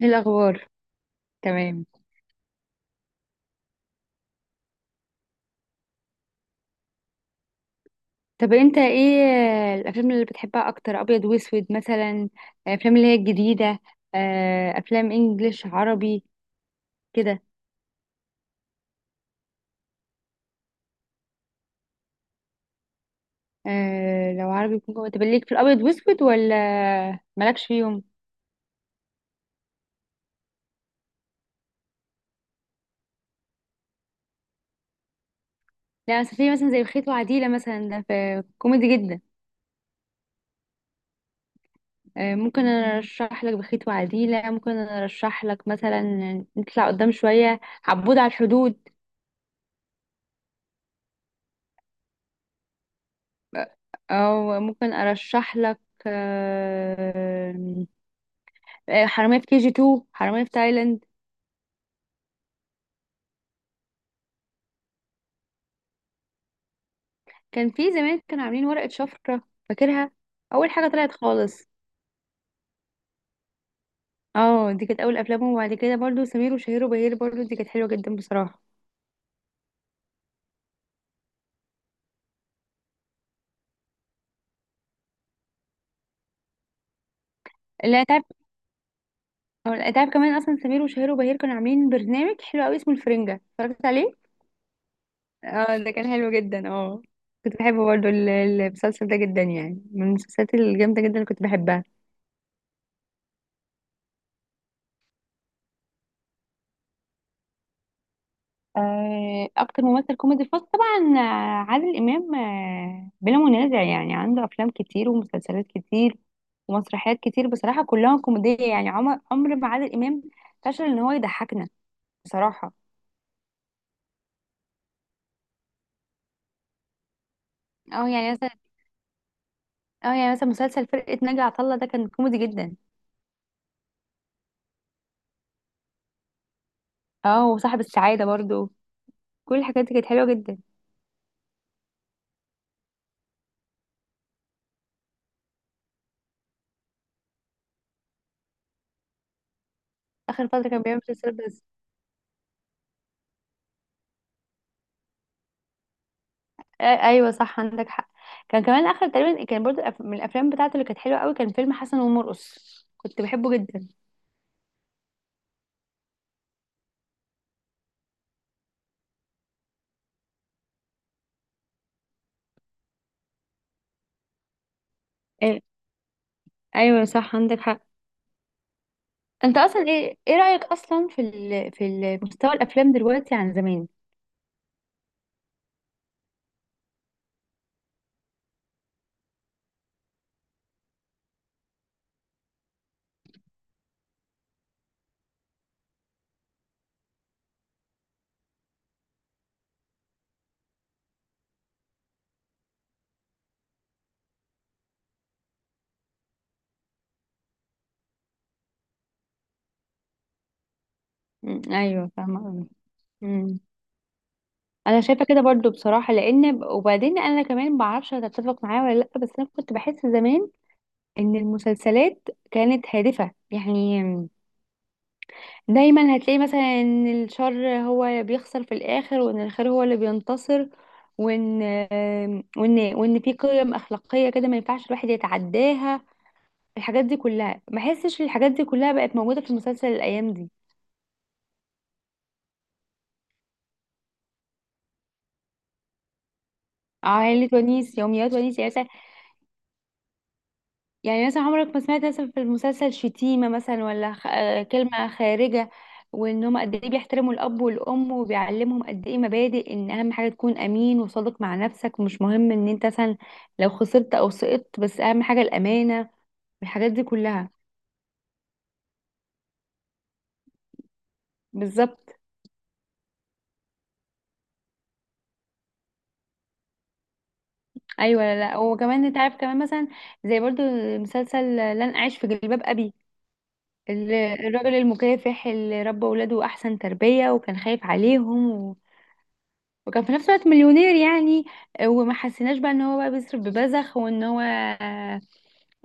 ايه الاخبار. تمام. طب انت ايه الافلام اللي بتحبها اكتر، ابيض واسود مثلا؟ افلام اللي هي الجديده. افلام انجليش عربي كده. لو عربي يكون جوه. طب ليك في الابيض واسود ولا مالكش فيهم؟ لا بس في مثلا زي بخيت وعديله، مثلا ده في كوميدي جدا. ممكن انا ارشح لك بخيت وعديله. ممكن انا ارشح لك مثلا نطلع قدام شويه، عبود على الحدود. آه، او ممكن ارشح لك آه، حرامية في كي جي 2، حرامية في تايلاند. كان في زمان كانوا عاملين ورقة شفرة، فاكرها. أول حاجة طلعت خالص. اه، دي كانت أول أفلامهم. وبعد كده برضو سمير وشهير وبهير، برضو دي كانت حلوة جدا بصراحة. لا تعب. لا تعب كمان. أصلا سمير وشهير وبهير كانوا عاملين برنامج حلو أوي اسمه الفرنجة، اتفرجت عليه. اه، ده كان حلو جدا اه. كنت بحبه برضو، المسلسل ده جدا يعني، من المسلسلات الجامدة جدا اللي كنت بحبها. اكتر ممثل كوميدي فاز طبعا عادل امام بلا منازع يعني. عنده افلام كتير ومسلسلات كتير ومسرحيات كتير بصراحه، كلها كوميديه. يعني عمر ما عادل امام فشل ان هو يضحكنا بصراحه. اه يعني مثلا اه يعني مثلا مسلسل فرقه ناجي عطا الله ده كان كوميدي جدا. اه وصاحب السعاده برضو. كل الحاجات دي كانت حلوه جدا. اخر فتره كان بيعمل مسلسلات بس. ايوه صح، عندك حق. كان كمان اخر تقريبا كان برضو، من الافلام بتاعته اللي كانت حلوه قوي، كان فيلم حسن ومرقص. كنت بحبه جدا. ايوه صح عندك حق. انت اصلا ايه ايه رايك اصلا في ال... في مستوى الافلام دلوقتي عن زمان؟ ايوه، فاهمه قوي. مم. انا شايفه كده برضو بصراحه، لان وبعدين انا كمان ما اعرفش هتتفق معايا ولا لا. بس انا كنت بحس زمان ان المسلسلات كانت هادفه يعني. دايما هتلاقي مثلا ان الشر هو بيخسر في الاخر، وان الخير هو اللي بينتصر. وان آم، وان وان في قيم اخلاقيه كده ما ينفعش الواحد يتعداها. الحاجات دي كلها ما احسش الحاجات دي كلها بقت موجوده في المسلسل الايام دي. عائلة ونيس، يوميات ونيس يعني مثلا. يعني مثلا عمرك ما سمعت مثلا في المسلسل شتيمه مثلا، ولا خ... آه، كلمه خارجه. وان هم قد ايه بيحترموا الاب والام، وبيعلمهم قد ايه مبادئ ان اهم حاجه تكون امين وصادق مع نفسك، ومش مهم ان انت مثلا لو خسرت او سقطت، بس اهم حاجه الامانه، والحاجات دي كلها. بالظبط. ايوه، لا، لا، وكمان انت عارف كمان مثلا، زي برضو مسلسل لن اعيش في جلباب ابي. الراجل المكافح اللي ربى ولاده احسن تربية، وكان خايف عليهم و... وكان في نفس الوقت مليونير يعني. وما حسيناش بقى ان هو بقى بيصرف ببذخ، وان هو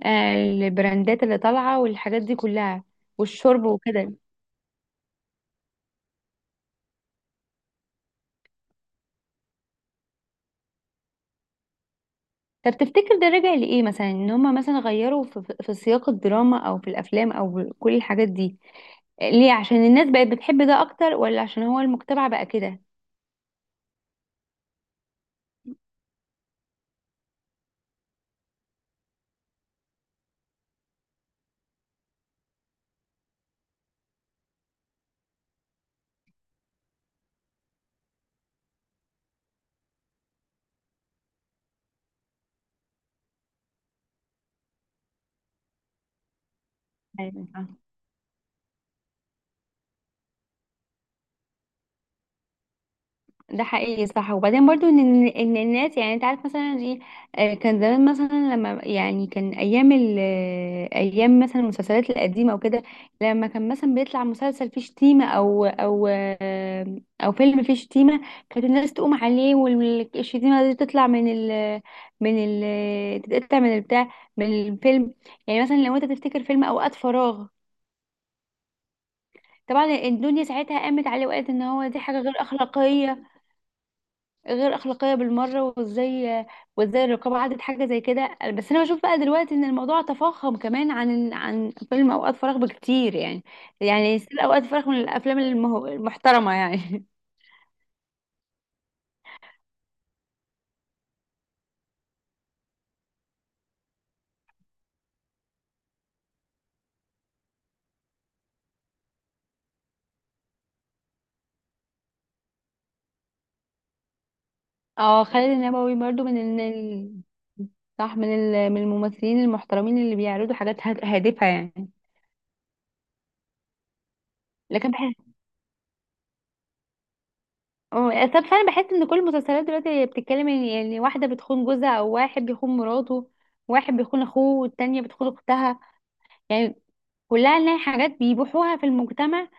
البراندات اللي طالعة والحاجات دي كلها، والشرب وكده. طب تفتكر ده راجع لإيه مثلا؟ ان هما مثلا غيروا في سياق الدراما او في الافلام او كل الحاجات دي ليه؟ عشان الناس بقت بتحب ده اكتر، ولا عشان هو المجتمع بقى كده؟ أيوة. ده حقيقي صح. وبعدين برضو ان إن الناس، يعني انت عارف مثلا ايه، كان زمان مثلا لما يعني كان ايام ال ايام مثلا المسلسلات القديمه وكده، لما كان مثلا بيطلع مسلسل فيه شتيمه او او فيلم فيه شتيمه، كانت الناس تقوم عليه، والشتيمه دي تطلع من ال تتقطع من البتاع، من الفيلم. يعني مثلا لو انت تفتكر فيلم اوقات فراغ، طبعا الدنيا ساعتها قامت عليه وقالت ان هو دي حاجه غير اخلاقيه. غير اخلاقيه بالمره. وازاي الرقابه عدت حاجه زي كده. بس انا بشوف بقى دلوقتي ان الموضوع تفاقم كمان عن فيلم اوقات فراغ بكتير يعني. يعني يصير اوقات فراغ من الافلام المحترمه يعني. اه، خالد النبوي برضو من ال... صح، من ال... من الممثلين المحترمين اللي بيعرضوا حاجات هادفه يعني. لكن بحس، اه، طب فعلا بحس ان كل المسلسلات دلوقتي بتتكلم ان، يعني، واحده بتخون جوزها، او واحد بيخون مراته، واحد بيخون اخوه، والتانية بتخون اختها يعني. كلها نلاقي حاجات بيبيعوها في المجتمع،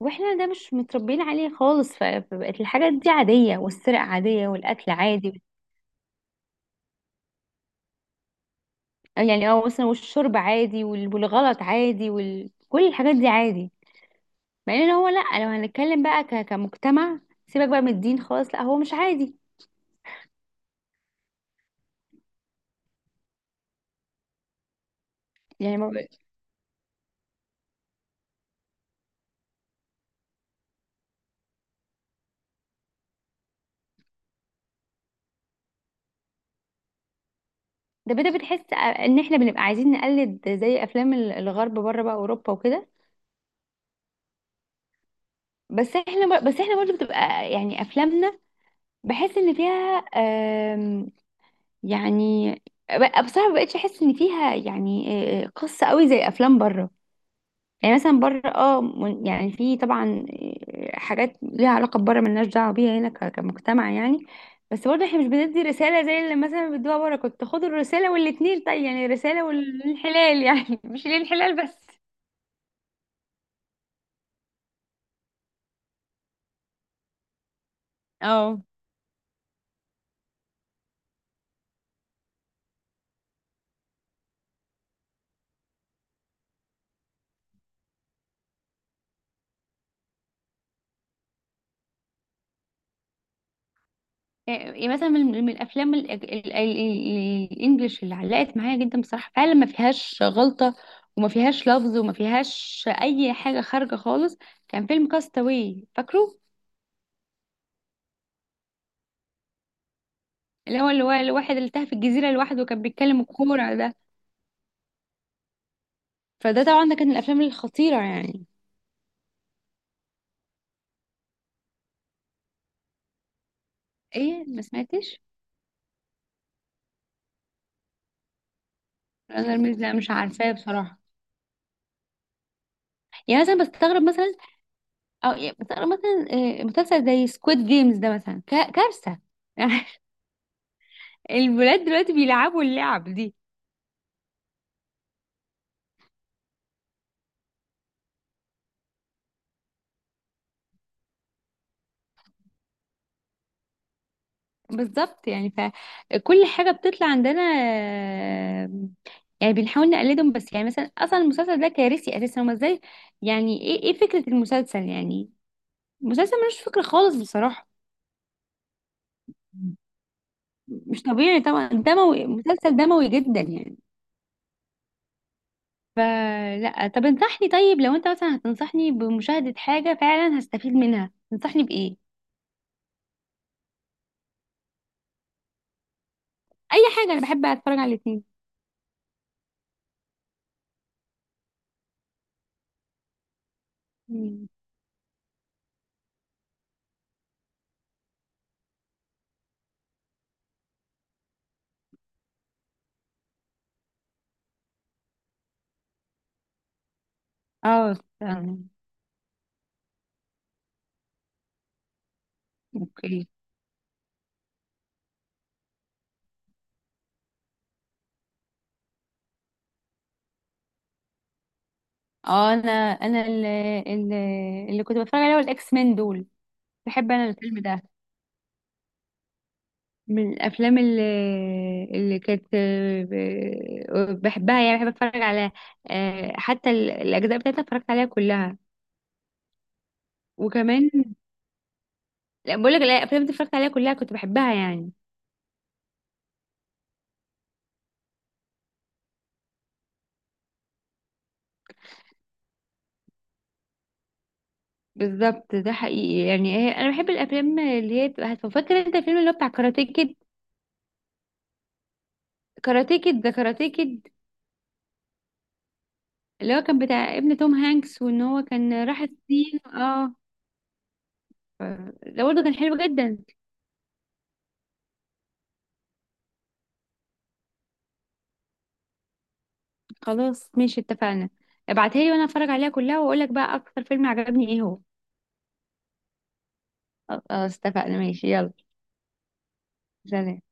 واحنا ده مش متربيين عليه خالص. فبقت الحاجات دي عادية، والسرقة عادية، والأكل عادي يعني. اه مثلا، والشرب عادي والغلط عادي، وكل الحاجات دي عادي. مع ان هو لأ، لو هنتكلم بقى كمجتمع، سيبك بقى من الدين خالص، لأ هو مش عادي. يعني ما ب- ده بتحس ان احنا بنبقى عايزين نقلد زي افلام الغرب بره، بقى اوروبا وكده. بس احنا برضه بتبقى يعني افلامنا، بحس ان فيها يعني. بصراحة ما بقتش احس ان فيها يعني قصة قوي زي افلام بره يعني. مثلا بره اه، يعني في طبعا حاجات ليها علاقة بره، ملناش دعوة بيها هنا كمجتمع يعني. بس برضه احنا مش بندي رسالة زي اللي مثلا بيدوها بره. كنت خدوا الرسالة والاتنين طيب يعني، الرسالة والانحلال يعني مش الانحلال بس. اه، إيه مثلا من الافلام الانجليش اللي علقت معايا جدا بصراحه؟ فعلا ما فيهاش غلطه، وما فيهاش لفظ، وما فيهاش اي حاجه خارجه خالص. كان فيلم كاستاوي، فاكره؟ اللي هو الواحد اللي تاه في الجزيره لوحده، وكان بيتكلم الكوره ده. فده طبعا ده كان من الافلام الخطيره يعني. ايه؟ ما سمعتش. انا الميز لا مش عارفاه بصراحه. يعني مثلا بستغرب مثلا، او يعني بستغرب مثلا مسلسل زي سكويد جيمز ده مثلا كارثه. الولاد دلوقتي بيلعبوا اللعب دي. بالظبط. يعني فكل حاجة بتطلع عندنا آه، يعني بنحاول نقلدهم. بس يعني مثلا اصلا المسلسل ده كارثي اساسا، هما ازاي؟ يعني ايه ايه فكرة المسلسل يعني؟ المسلسل ملوش فكرة خالص بصراحة. مش طبيعي طبعا، دموي، مسلسل دموي جدا يعني. فلا، طب انصحني طيب، لو انت مثلا هتنصحني بمشاهدة حاجة فعلا هستفيد منها، تنصحني بإيه؟ أي حاجة، أنا بحب أتفرج على الاتنين. مم. اه فعلا. اوكي. اه، انا اللي كنت بتفرج عليه هو الاكس مان دول. بحب انا الفيلم ده، من الافلام اللي كانت بحبها يعني. بحب اتفرج على حتى الاجزاء بتاعتها اتفرجت عليها كلها. وكمان، لا بقول لك، الافلام اللي اتفرجت عليها كلها كنت بحبها يعني. بالظبط، ده حقيقي يعني. هي انا بحب الافلام اللي هي بتبقى هادفة. فاكر انت الفيلم اللي هو بتاع كاراتيه كيد؟ كاراتيه كيد، ده كاراتيه كيد اللي هو كان بتاع ابن توم هانكس، وان هو كان راح الصين. اه. ف- ده برضه كان حلو جدا. خلاص، ماشي، اتفقنا. ابعتها لي وانا اتفرج عليها كلها، واقول لك بقى اكتر فيلم عجبني ايه هو. خلاص اتفقنا، ماشي، يلا سلام.